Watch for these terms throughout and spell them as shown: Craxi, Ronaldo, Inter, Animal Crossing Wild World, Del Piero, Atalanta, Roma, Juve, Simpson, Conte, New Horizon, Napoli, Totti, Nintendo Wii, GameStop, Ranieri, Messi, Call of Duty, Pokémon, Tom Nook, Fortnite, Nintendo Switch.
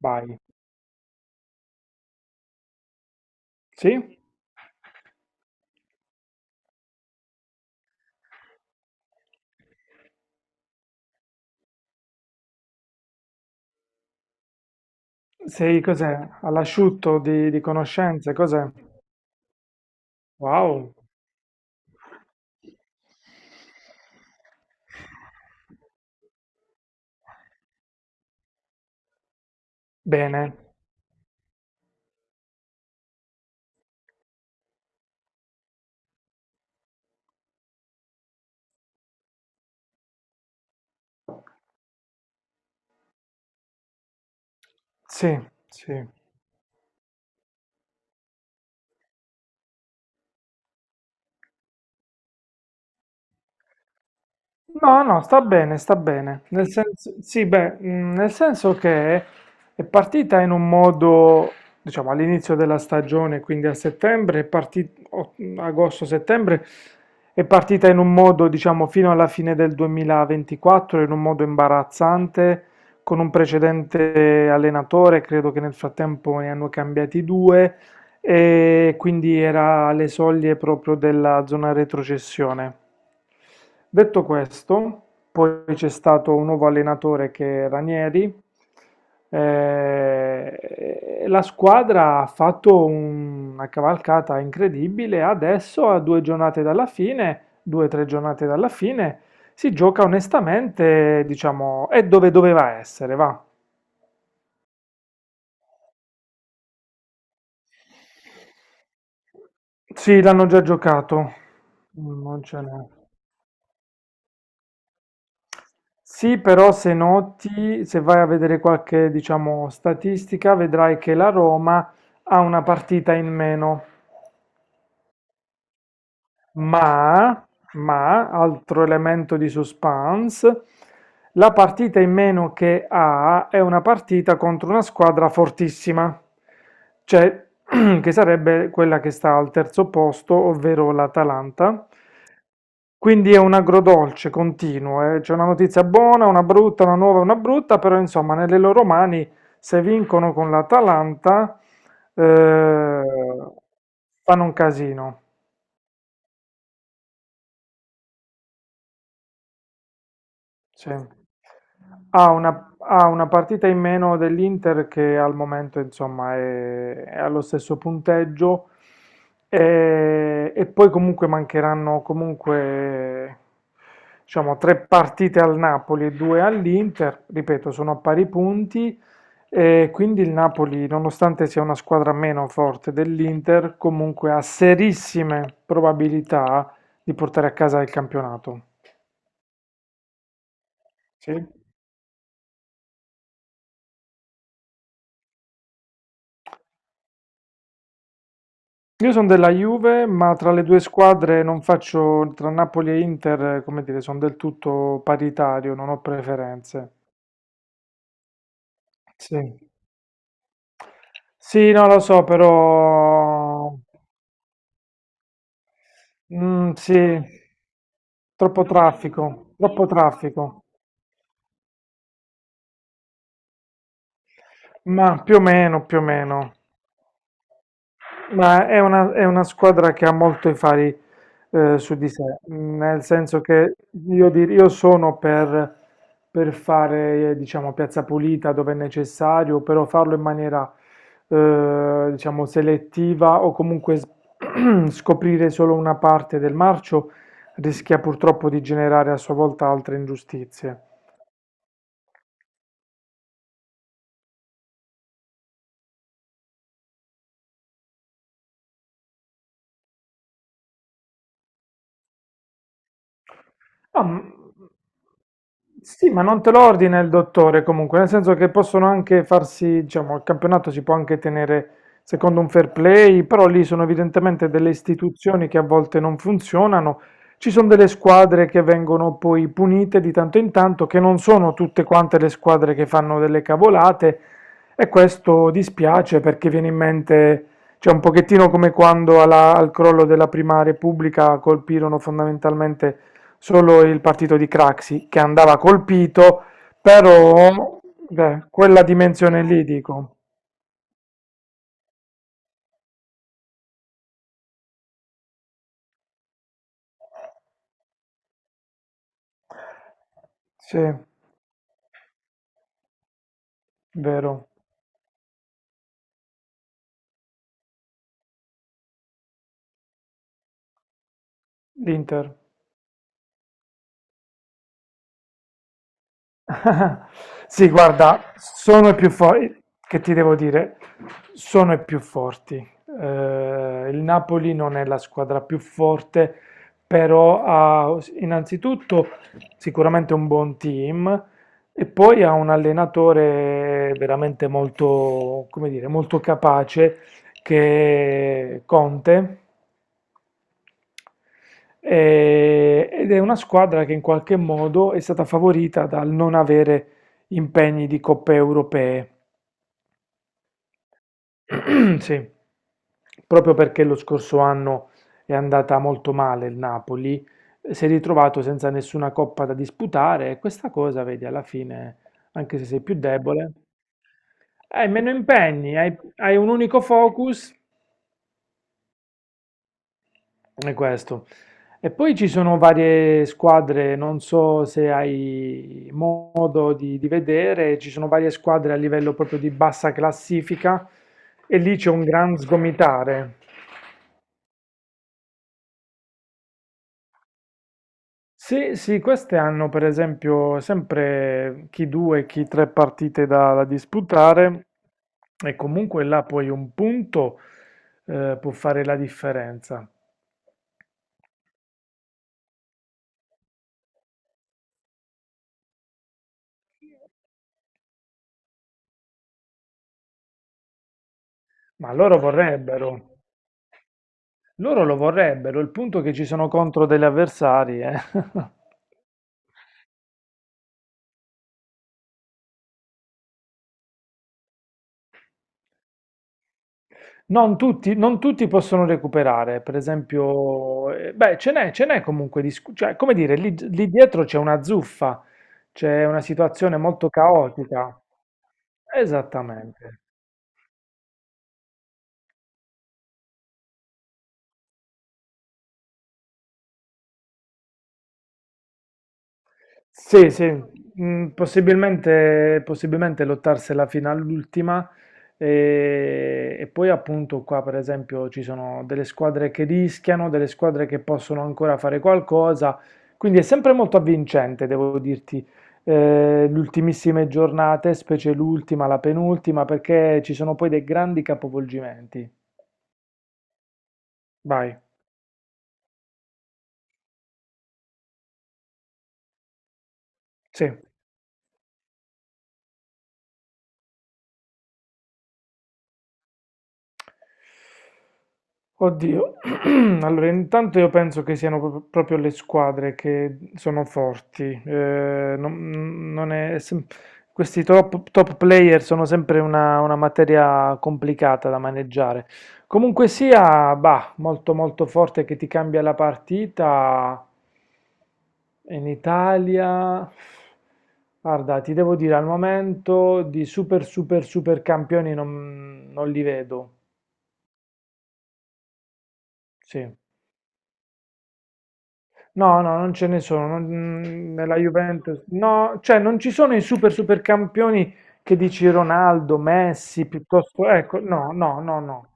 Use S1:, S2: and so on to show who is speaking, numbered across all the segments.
S1: Vai. Sì? Sei cos'è? All'asciutto di conoscenze, cos'è? Wow, bene. Sì, sì. No, no, sta bene, sta bene. Nel senso, sì, beh, nel senso che è partita in un modo, diciamo, all'inizio della stagione, quindi a settembre, agosto-settembre, è partita in un modo, diciamo, fino alla fine del 2024, in un modo imbarazzante, con un precedente allenatore, credo che nel frattempo ne hanno cambiati due, e quindi era alle soglie proprio della zona retrocessione. Detto questo, poi c'è stato un nuovo allenatore che è Ranieri. eh, e la squadra ha fatto una cavalcata incredibile. Adesso, a due giornate dalla fine, due o tre giornate dalla fine, si gioca onestamente, diciamo, è dove doveva essere, va. Sì, l'hanno già giocato. Non ce n'è. Sì, però se noti, se vai a vedere qualche, diciamo, statistica, vedrai che la Roma ha una partita in meno. Ma, ma, altro elemento di suspense, la partita in meno che ha è una partita contro una squadra fortissima, cioè che sarebbe quella che sta al terzo posto, ovvero l'Atalanta. Quindi è un agrodolce continuo, eh. C'è una notizia buona, una brutta, una nuova, una brutta, però insomma nelle loro mani se vincono con l'Atalanta eh, fanno un casino. Sì. Ha una partita in meno dell'Inter che al momento insomma è allo stesso punteggio e poi comunque mancheranno comunque, diciamo, tre partite al Napoli e due all'Inter, ripeto, sono a pari punti, e quindi il Napoli, nonostante sia una squadra meno forte dell'Inter, comunque ha serissime probabilità di portare a casa il campionato. Sì? Io sono della Juve, ma tra le due squadre non faccio, tra Napoli e Inter, come dire, sono del tutto paritario, non ho preferenze. Sì, sì, no, lo so, però sì, troppo traffico, troppo traffico. Ma più o meno, più o meno. Ma è una squadra che ha molto i fari su di sé, nel senso che io sono per fare, diciamo, piazza pulita dove è necessario, però farlo in maniera, diciamo, selettiva, o comunque scoprire solo una parte del marcio rischia purtroppo di generare a sua volta altre ingiustizie. No, sì, ma non te lo ordina il dottore comunque, nel senso che possono anche farsi, diciamo, il campionato si può anche tenere secondo un fair play, però lì sono evidentemente delle istituzioni che a volte non funzionano. Ci sono delle squadre che vengono poi punite di tanto in tanto, che non sono tutte quante le squadre che fanno delle cavolate, e questo dispiace perché viene in mente, cioè, un pochettino come quando al crollo della Prima Repubblica colpirono fondamentalmente solo il partito di Craxi, che andava colpito, però, beh, quella dimensione lì, dico, sì, vero, l'Inter. Sì, guarda, sono i più forti, che ti devo dire, sono i più forti. Il Napoli non è la squadra più forte, però ha innanzitutto sicuramente un buon team, e poi ha un allenatore veramente molto, come dire, molto capace, che è Conte, ed è una squadra che in qualche modo è stata favorita dal non avere impegni di coppe europee. Sì, proprio perché lo scorso anno è andata molto male il Napoli, si è ritrovato senza nessuna coppa da disputare, e questa cosa, vedi, alla fine, anche se sei più debole, hai meno impegni, hai un unico focus. È questo. E poi ci sono varie squadre, non so se hai modo di vedere, ci sono varie squadre a livello proprio di bassa classifica, e lì c'è un gran sgomitare. Sì, sì, queste hanno per esempio sempre chi due, chi tre partite da, disputare, e comunque là poi un punto può fare la differenza. Ma loro vorrebbero. Loro lo vorrebbero, il punto è che ci sono contro degli avversari. Eh. Non tutti, non tutti possono recuperare, per esempio, beh, ce n'è comunque, cioè, come dire, lì, lì dietro c'è una zuffa, c'è una situazione molto caotica. Esattamente. Sì, sì, possibilmente, possibilmente lottarsela fino all'ultima, e poi appunto qua per esempio ci sono delle squadre che rischiano, delle squadre che possono ancora fare qualcosa, quindi è sempre molto avvincente, devo dirti, le ultimissime giornate, specie l'ultima, la penultima, perché ci sono poi dei grandi capovolgimenti. Vai, sì. Oddio, allora intanto io penso che siano proprio le squadre che sono forti, non è questi top, top player sono sempre una materia complicata da maneggiare. Comunque sia, bah, molto molto forte che ti cambia la partita in Italia. Guarda, ti devo dire, al momento di super super super campioni non li vedo, sì. No, no, non ce ne sono. Nella Juventus, no, cioè non ci sono i super super campioni che dici Ronaldo, Messi, piuttosto, ecco, no, no, no, no.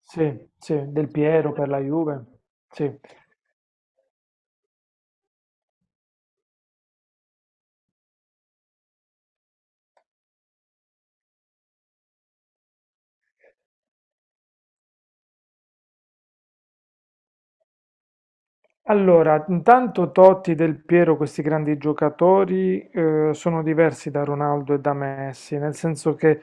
S1: Sì, sì, Del Piero per la Juve. Sì. Allora, intanto Totti, Del Piero, questi grandi giocatori, sono diversi da Ronaldo e da Messi, nel senso che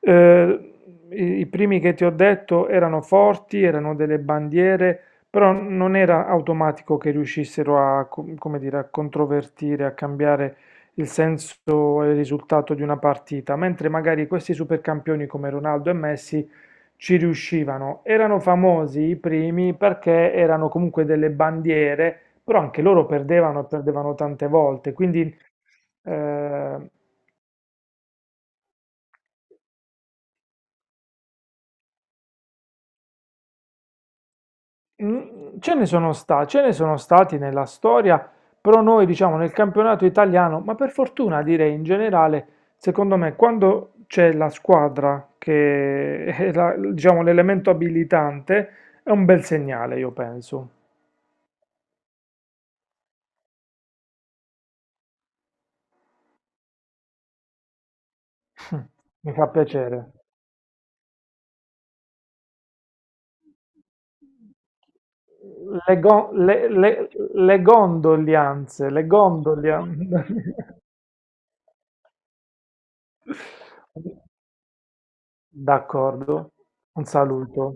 S1: eh, i primi che ti ho detto erano forti, erano delle bandiere, però non era automatico che riuscissero a, come dire, a controvertire, a cambiare il senso e il risultato di una partita, mentre magari questi supercampioni come Ronaldo e Messi ci riuscivano, erano famosi i primi perché erano comunque delle bandiere, però anche loro perdevano e perdevano tante volte, quindi, eh, ce ne sono stati nella storia, però noi diciamo nel campionato italiano, ma per fortuna direi in generale, secondo me quando c'è la squadra che è diciamo l'elemento abilitante, è un bel segnale, io penso. Mi fa piacere. Le, go- le- le- le gondolianze, le gondolianze. D'accordo, un saluto.